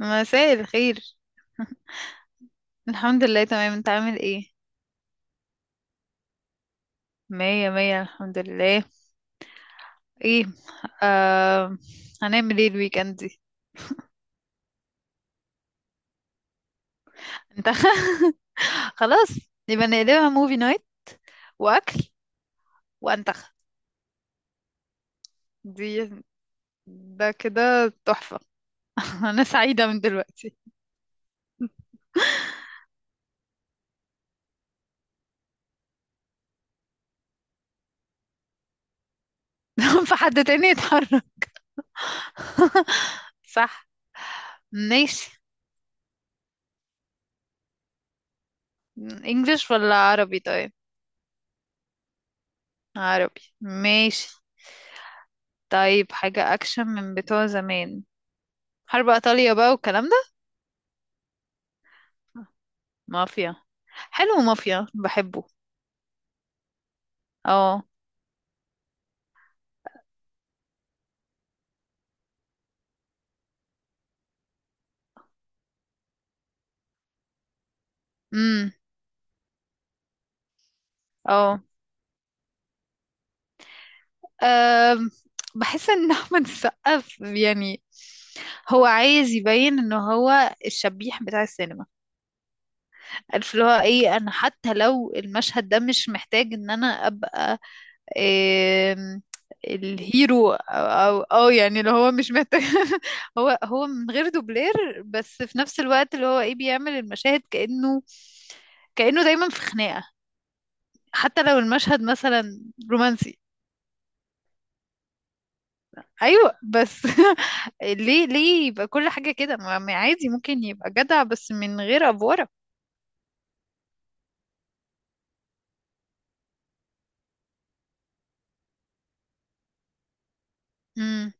مساء الخير. الحمد لله، تمام. انت عامل ايه؟ مية مية، الحمد لله. ايه؟ آه... هنعمل ايه الويكند دي؟ انت. خلاص. يبقى نقلبها موفي نايت، واكل، وانتخ. دي ده كده تحفة. انا سعيدة من دلوقتي. فحد تاني يتحرك. صح. ماشي. انجلش ولا عربي، طيب؟ عربي، ماشي. طيب، حاجة اكشن من بتوع زمان. حرب ايطاليا بقى والكلام ده. مافيا. حلو، مافيا بحبه. اه. امم. اه. أم، بحس ان احمد السقا يعني هو عايز يبين ان هو الشبيح بتاع السينما. عارف اللي هو ايه، انا حتى لو المشهد ده مش محتاج ان انا ابقى آم، الهيرو، او يعني اللي هو مش محتاج. هو من غير دوبلير، بس في نفس الوقت اللي هو ايه بيعمل المشاهد كأنه دايما في خناقة. حتى لو المشهد مثلا رومانسي. ايوه، بس ليه يبقى كل حاجة كده؟ ما عادي، ممكن يبقى جدع بس من غير افورة. امم.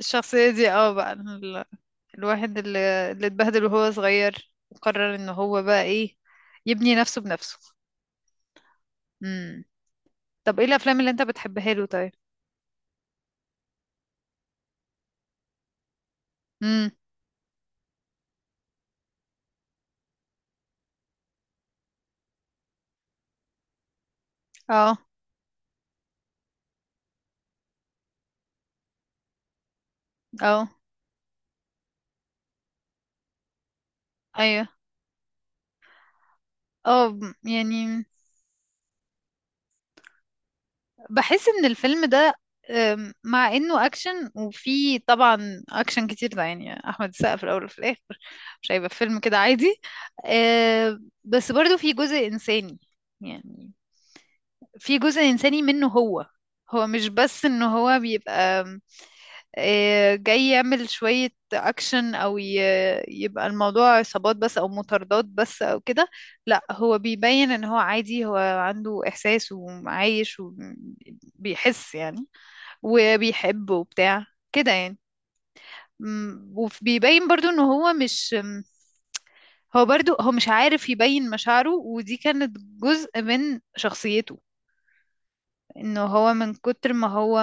الشخصية دي اه بقى الواحد اللي اتبهدل وهو صغير، وقرر ان هو بقى ايه، يبني نفسه بنفسه. امم. طب ايه الافلام اللي انت بتحبها له طيب؟ امم. اه. اه. ايوه. اه، يعني بحس ان الفيلم ده مع انه اكشن وفي طبعا اكشن كتير ده، يعني احمد السقا في الاول وفي الاخر مش هيبقى فيلم كده عادي. أه، بس برضو في جزء انساني، يعني في جزء انساني منه. هو مش بس ان هو بيبقى جاي يعمل شوية أكشن، أو يبقى الموضوع عصابات بس أو مطاردات بس أو كده. لا، هو بيبين إن هو عادي، هو عنده إحساس وعايش وبيحس يعني، وبيحب وبتاع كده يعني. وبيبين برضو إن هو مش هو برضو هو مش عارف يبين مشاعره، ودي كانت جزء من شخصيته. انه هو من كتر ما هو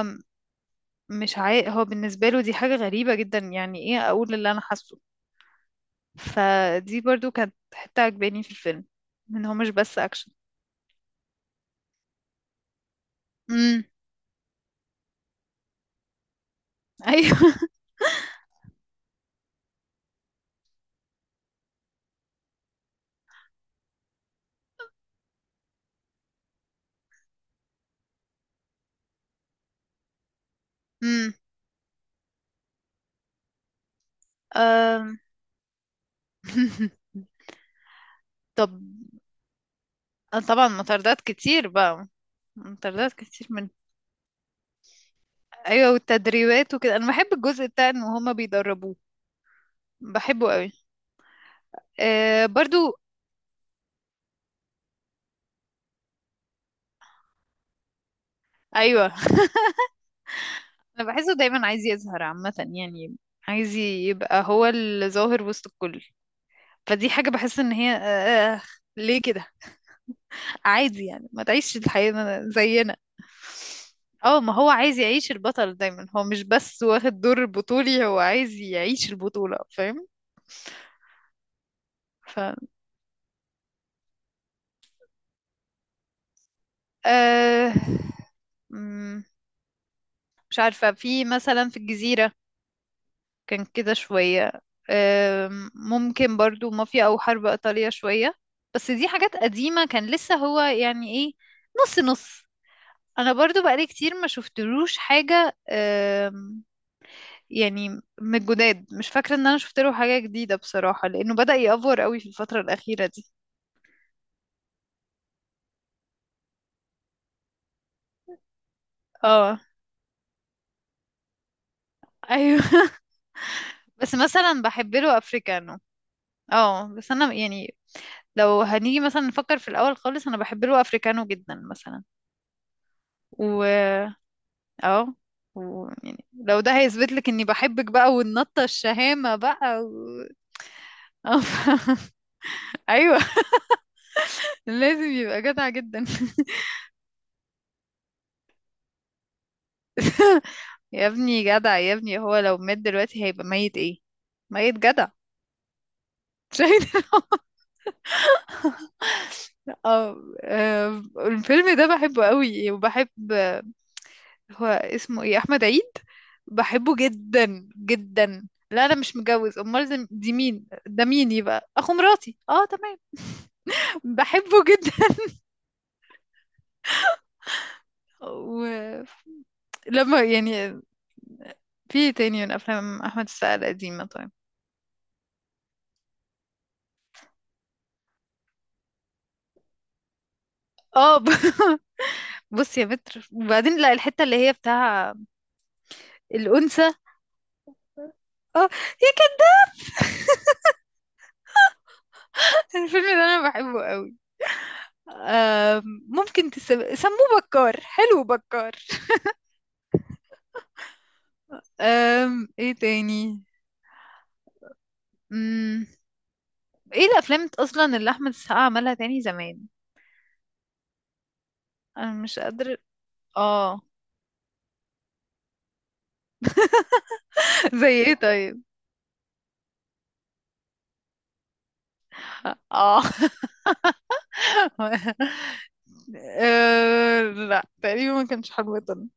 مش عاي... هو بالنسبة له دي حاجة غريبة جدا، يعني ايه اقول اللي انا حاسه. فدي برضو كانت حتة عجباني في الفيلم، ان هو مش بس اكشن. امم. ايوه. امم. أم. طب، أنا طبعا مطاردات كتير بقى، مطاردات كتير من. ايوه، والتدريبات وكده، انا بحب الجزء بتاع ان هما بيدربوه. بحبه قوي. أه، برضو. ايوه. انا بحسه دايما عايز يظهر عامه يعني، عايز يبقى هو الظاهر وسط الكل. فدي حاجه بحس ان هي أه آه، ليه كده؟ عادي يعني، ما تعيش الحياة زينا. اه، ما هو عايز يعيش البطل دايما، هو مش بس واخد دور البطولي، هو عايز يعيش البطولة، فاهم؟ ف آه... مم، مش عارفة، في مثلا في الجزيرة كان كده شوية. آه... ممكن برضو مافيا أو حرب إيطالية شوية. بس دي حاجات قديمة، كان لسه هو يعني ايه، نص نص. أنا برضو بقالي كتير ما شفتلوش حاجة، يعني من الجداد مش فاكرة ان انا شفت له حاجة جديدة بصراحة، لانه بدأ يأفور قوي في الفترة الأخيرة دي. اه. ايوه. بس مثلا بحب له افريكانو. اه، بس انا يعني لو هنيجي مثلا نفكر في الاول خالص، انا بحب له افريكانو جدا مثلا. و اه. يعني لو ده هيثبت لك اني بحبك بقى، والنطة الشهامة بقى. آه، ف- ايوه. لازم يبقى جدع جدا. يا ابني، جدع يا ابني، هو لو مات دلوقتي هيبقى ميت ايه؟ ميت جدع. شاهد. اه. الفيلم ده بحبه قوي، وبحب. هو اسمه ايه، احمد عيد. بحبه جدا جدا. لا، انا مش متجوز، امال دي مين؟ ده مين؟ يبقى اخو مراتي، اه تمام. بحبه جدا. ولما يعني في تاني من افلام احمد السقا القديمه طيب. اه، بص يا متر، وبعدين لا، الحته اللي هي بتاع الانثى. اه. يا كده. الفيلم ده انا بحبه قوي. ممكن سموه بكار، حلو بكار. ايه تاني؟ مم. ايه الافلام اصلا اللي احمد السقا عملها تاني زمان؟ انا مش قادر. اه. زي ايه طيب؟ اه. لا تقريبا ما كانش حرب ايطاليا.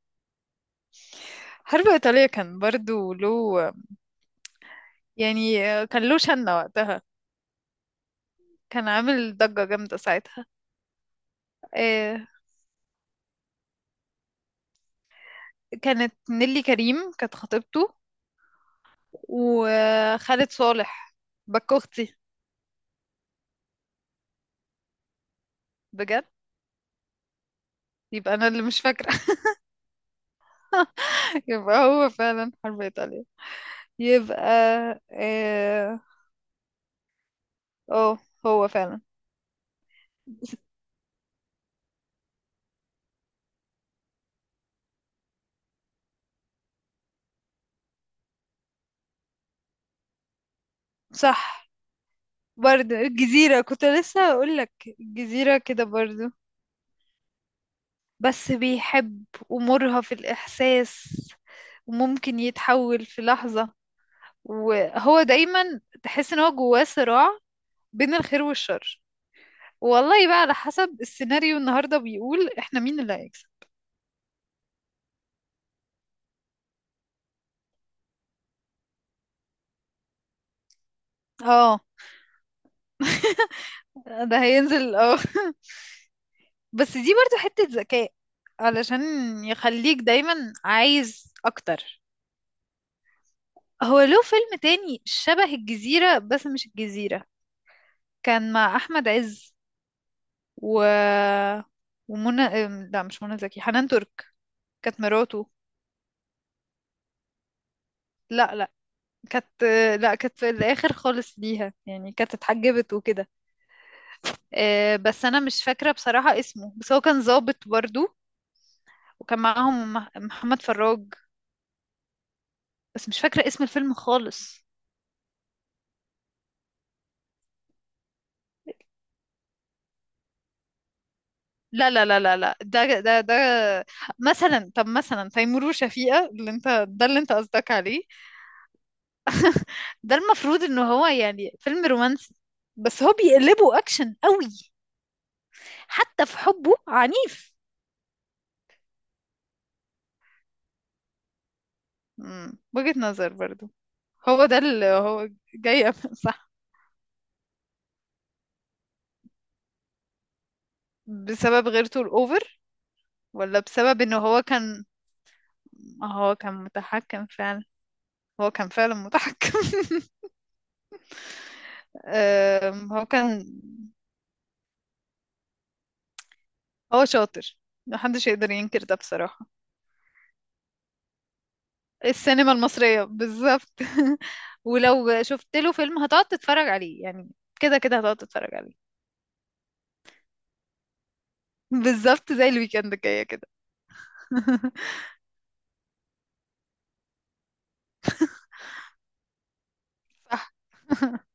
حرب ايطاليا كان برضو له، يعني كان له شنة وقتها، كان عامل ضجة جامدة ساعتها. آه، كانت نيلي كريم كانت خطيبته، وخالد صالح. باك اختي. بجد؟ يبقى انا اللي مش فاكره. يبقى هو فعلا حرب ايطاليا. يبقى اه، آه، هو فعلا. صح. برضو الجزيره كنت لسه اقول لك، الجزيره كده برضو. بس بيحب، امورها في الاحساس، وممكن يتحول في لحظه. وهو دايما تحس ان هو جواه صراع بين الخير والشر. والله بقى على حسب السيناريو النهارده بيقول احنا مين اللي هيكسب. اه، ده هينزل، اه. بس دي برضو حتة ذكاء، علشان يخليك دايما عايز اكتر. هو له فيلم تاني شبه الجزيرة، بس مش الجزيرة. كان مع احمد عز و ومنى لا مش منى زكي، حنان ترك. كانت مراته. لا، لا. كانت. لا، كانت في الاخر خالص ليها يعني، كانت اتحجبت وكده. بس انا مش فاكرة بصراحة اسمه، بس هو كان ظابط برضو. وكان معاهم محمد فراج. بس مش فاكرة اسم الفيلم خالص. لا، لا، لا، لا، لا، ده ده ده مثلا، طب مثلا تيمور وشفيقة اللي انت، ده اللي انت قصدك عليه. ده المفروض ان هو يعني فيلم رومانسي، بس هو بيقلبه اكشن قوي. حتى في حبه عنيف. مم. وجهة نظر برضو، هو ده اللي هو جاي. صح. بسبب غيرته الأوفر. ولا بسبب ان هو كان، هو كان متحكم فعلا. هو كان فعلا متحكم. أم، هو كان هو شاطر، محدش يقدر ينكر ده بصراحة. السينما المصرية بالظبط. ولو شفت له فيلم هتقعد تتفرج عليه يعني، كده كده هتقعد تتفرج عليه. بالظبط، زي الويكند جاية كده. صح.